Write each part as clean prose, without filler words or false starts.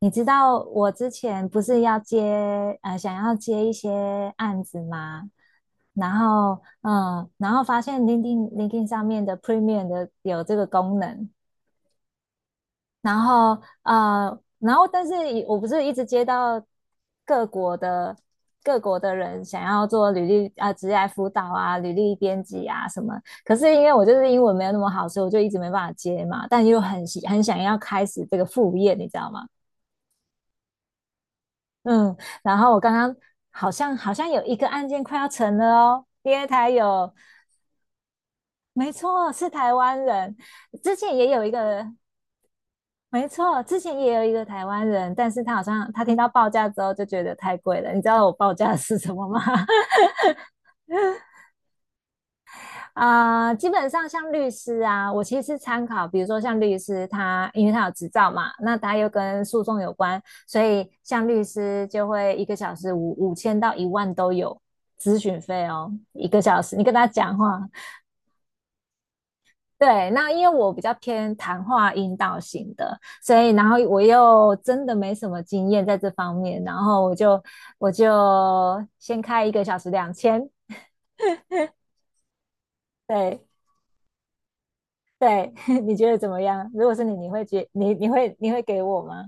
你知道我之前不是想要接一些案子吗？然后发现 LinkedIn 上面的 Premium 的有这个功能。然后但是我不是一直接到各国的各国的人想要做履历啊、职业辅导啊、履历编辑啊什么。可是因为我就是英文没有那么好，所以我就一直没办法接嘛，但又很想要开始这个副业，你知道吗？嗯，然后我刚刚好像有一个案件快要成了哦，第二台有。没错，是台湾人。之前也有一个。没错，之前也有一个台湾人，但是他好像听到报价之后就觉得太贵了。你知道我报价是什么吗？啊、基本上像律师啊，我其实参考，比如说像律师他，因为他有执照嘛，那他又跟诉讼有关，所以像律师就会一个小时五千到一万都有咨询费哦，一个小时你跟他讲话。对，那因为我比较偏谈话引导型的，所以然后我又真的没什么经验在这方面，然后我就先开一个小时两千。对。对。你觉得怎么样？如果是你，你会觉你你会你会给我吗？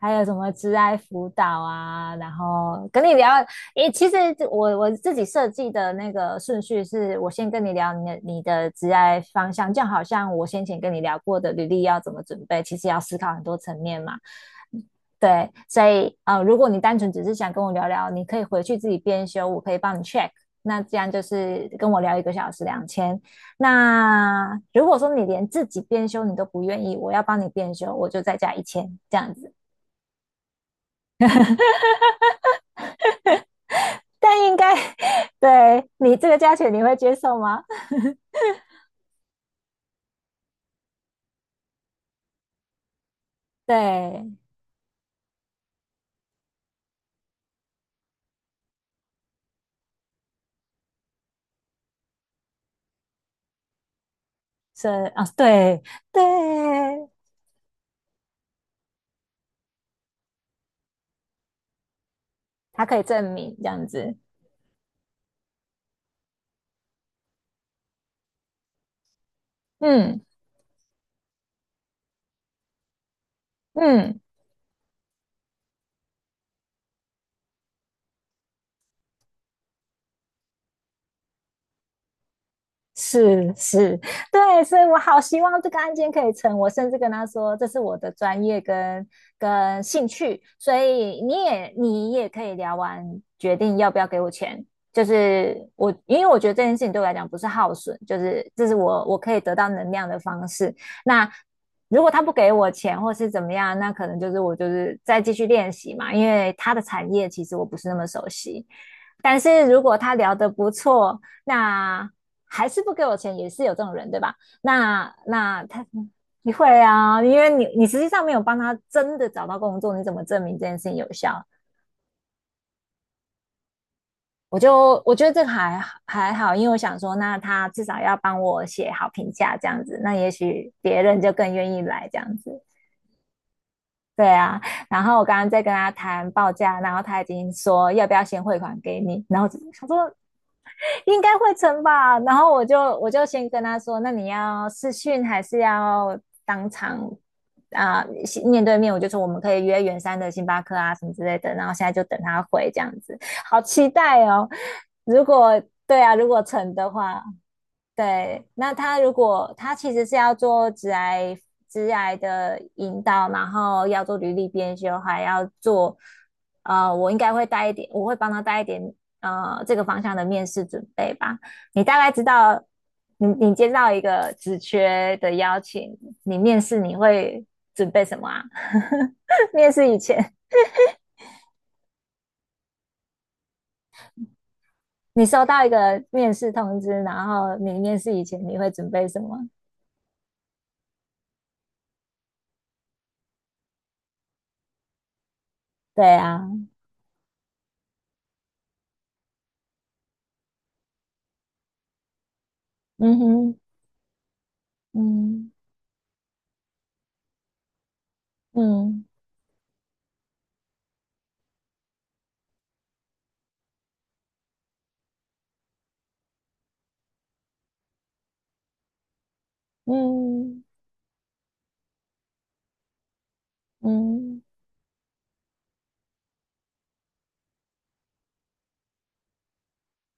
还有什么职爱辅导啊？然后跟你聊。诶，其实我自己设计的那个顺序是，我先跟你聊你的职爱方向，就好像我先前跟你聊过的履历要怎么准备，其实要思考很多层面嘛。对，所以如果你单纯只是想跟我聊聊，你可以回去自己编修，我可以帮你 check。那这样就是跟我聊一个小时两千。那如果说你连自己编修你都不愿意，我要帮你编修，我就再加一千这样子。但应该 对你这个价钱你会接受吗？对。是啊。对对。他可以证明这样子。嗯嗯。是是。对，所以我好希望这个案件可以成。我甚至跟他说，这是我的专业跟兴趣，所以你也可以聊完决定要不要给我钱。就是我，因为我觉得这件事情对我来讲不是耗损，就是这是我可以得到能量的方式。那如果他不给我钱或是怎么样，那可能就是我就是再继续练习嘛，因为他的产业其实我不是那么熟悉。但是如果他聊得不错，那还是不给我钱，也是有这种人，对吧？那他你会啊，因为你实际上没有帮他真的找到工作，你怎么证明这件事情有效？我觉得这个还好，因为我想说，那他至少要帮我写好评价这样子，那也许别人就更愿意来这样子。对啊。然后我刚刚在跟他谈报价，然后他已经说要不要先汇款给你，然后我想说应该会成吧。然后我就先跟他说，那你要视讯还是要当场啊、呃面对面？我就说我们可以约圆山的星巴克啊什么之类的。然后现在就等他回这样子。好期待哦。如果对啊，如果成的话。对。那他如果他其实是要做职癌的引导，然后要做履历编修，还要做。我应该会带一点，我会帮他带一点这个方向的面试准备吧。你大概知道，你接到一个职缺的邀请，你面试你会准备什么啊？面试以前，你收到一个面试通知，然后你面试以前你会准备什么？对啊。嗯哼。嗯嗯嗯嗯。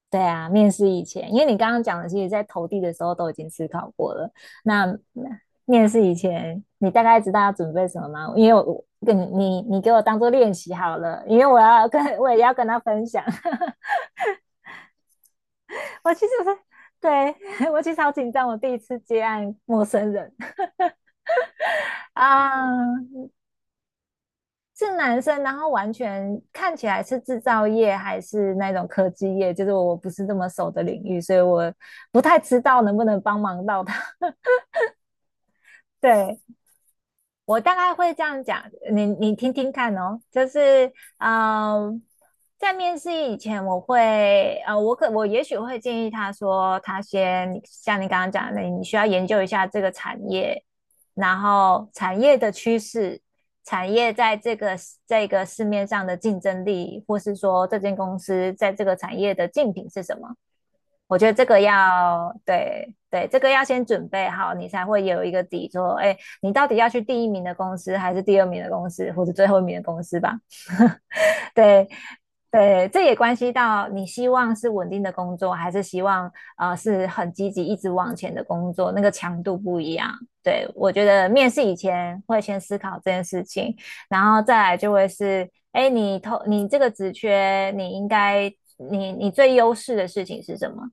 对啊，面试以前，因为你刚刚讲的，其实在投递的时候都已经思考过了。那那面试以前，你大概知道要准备什么吗？因为我跟你给我当做练习好了，因为我也要跟他分享。我其实是对 我其实好紧张，我第一次接案陌生人啊，是男生，然后完全看起来是制造业还是那种科技业，就是我不是这么熟的领域，所以我不太知道能不能帮忙到他。对，我大概会这样讲，你听听看哦。就是嗯，在面试以前，我会呃，我可我也许会建议他说，他先像你刚刚讲的，你需要研究一下这个产业，然后产业的趋势，产业在这个市面上的竞争力，或是说这间公司在这个产业的竞品是什么。我觉得这个要对。对，这个要先准备好，你才会有一个底座。哎，你到底要去第一名的公司，还是第二名的公司，或者最后一名的公司吧？对对。这也关系到你希望是稳定的工作，还是希望是很积极一直往前的工作，那个强度不一样。对，我觉得面试以前会先思考这件事情。然后再来就会是，哎，你投你这个职缺，你应该你最优势的事情是什么？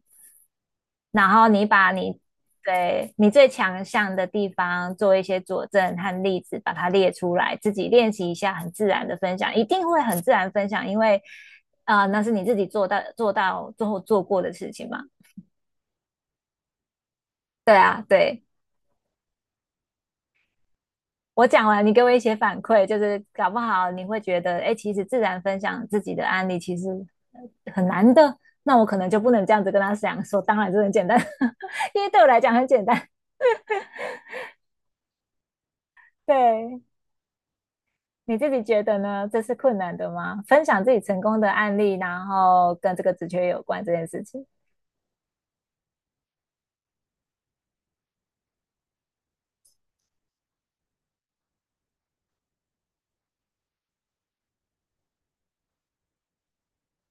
然后你把你对你最强项的地方做一些佐证和例子，把它列出来，自己练习一下，很自然的分享，一定会很自然分享，因为那是你自己做到最后做过的事情嘛。对啊。对。我讲完，你给我一些反馈，就是搞不好你会觉得，哎，其实自然分享自己的案例其实很难的，那我可能就不能这样子跟他讲说，当然这很简单，因为对我来讲很简单。对。你自己觉得呢？这是困难的吗？分享自己成功的案例，然后跟这个职缺有关这件事情。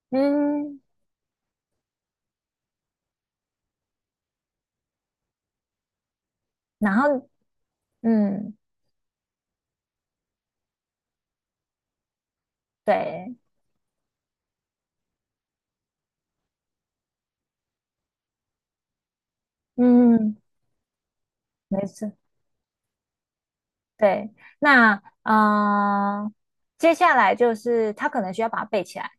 嗯。然后嗯，对，嗯，没事，对。那嗯、呃接下来就是他可能需要把它背起来，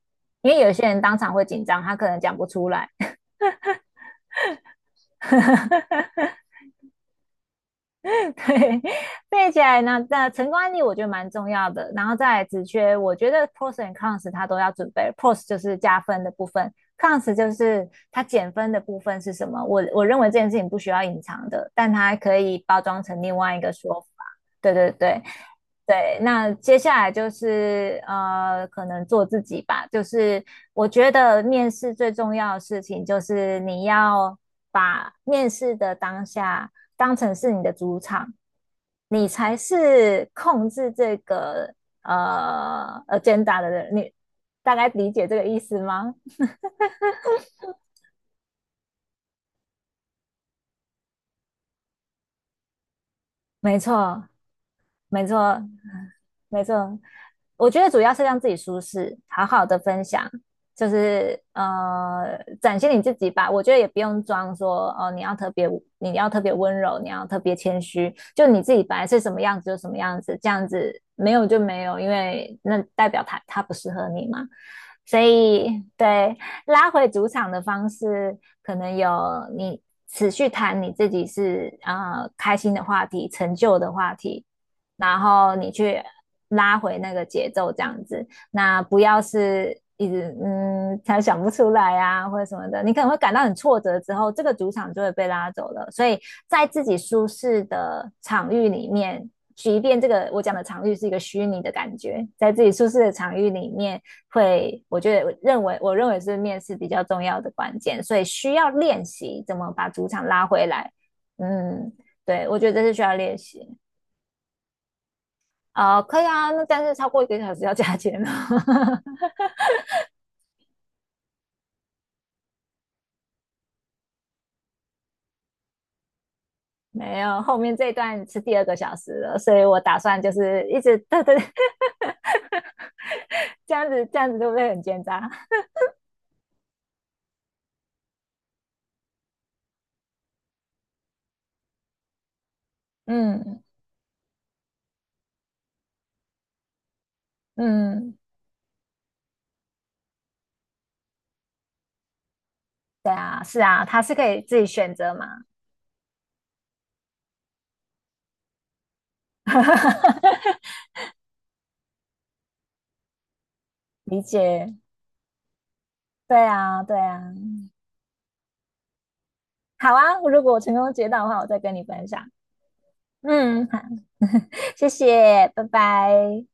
因为有些人当场会紧张，他可能讲不出来。对。背起来呢，那成功案例我觉得蛮重要的。然后再来职缺，我觉得 pros and cons 它都要准备，pros 就是加分的部分，cons 就是它减分的部分是什么？我认为这件事情不需要隐藏的，但它可以包装成另外一个说法。对对对。对，那接下来就是可能做自己吧。就是我觉得面试最重要的事情，就是你要把面试的当下当成是你的主场，你才是控制这个agenda 的人。你大概理解这个意思吗？没错。没错。没错。我觉得主要是让自己舒适，好好的分享，就是展现你自己吧。我觉得也不用装说哦，你要特别，你要特别温柔，你要特别谦虚，就你自己本来是什么样子就什么样子，这样子没有就没有，因为那代表他不适合你嘛。所以对。拉回主场的方式，可能有你持续谈你自己是开心的话题、成就的话题。然后你去拉回那个节奏这样子。那不要是一直嗯，才想不出来啊，或者什么的，你可能会感到很挫折，之后这个主场就会被拉走了。所以在自己舒适的场域里面，即便这个我讲的场域是一个虚拟的感觉，在自己舒适的场域里面会，我觉得我认为是面试比较重要的关键，所以需要练习怎么把主场拉回来。嗯。对，我觉得这是需要练习。哦，可以啊，那但是超过一个小时要加钱哦。没有，后面这一段是第二个小时了，所以我打算就是一直 对对。这样子就不会很奸诈？嗯嗯。对啊。是啊，他是可以自己选择嘛。理解。对啊对啊。好啊，如果我成功接到的话，我再跟你分享。嗯。好。谢谢。拜拜。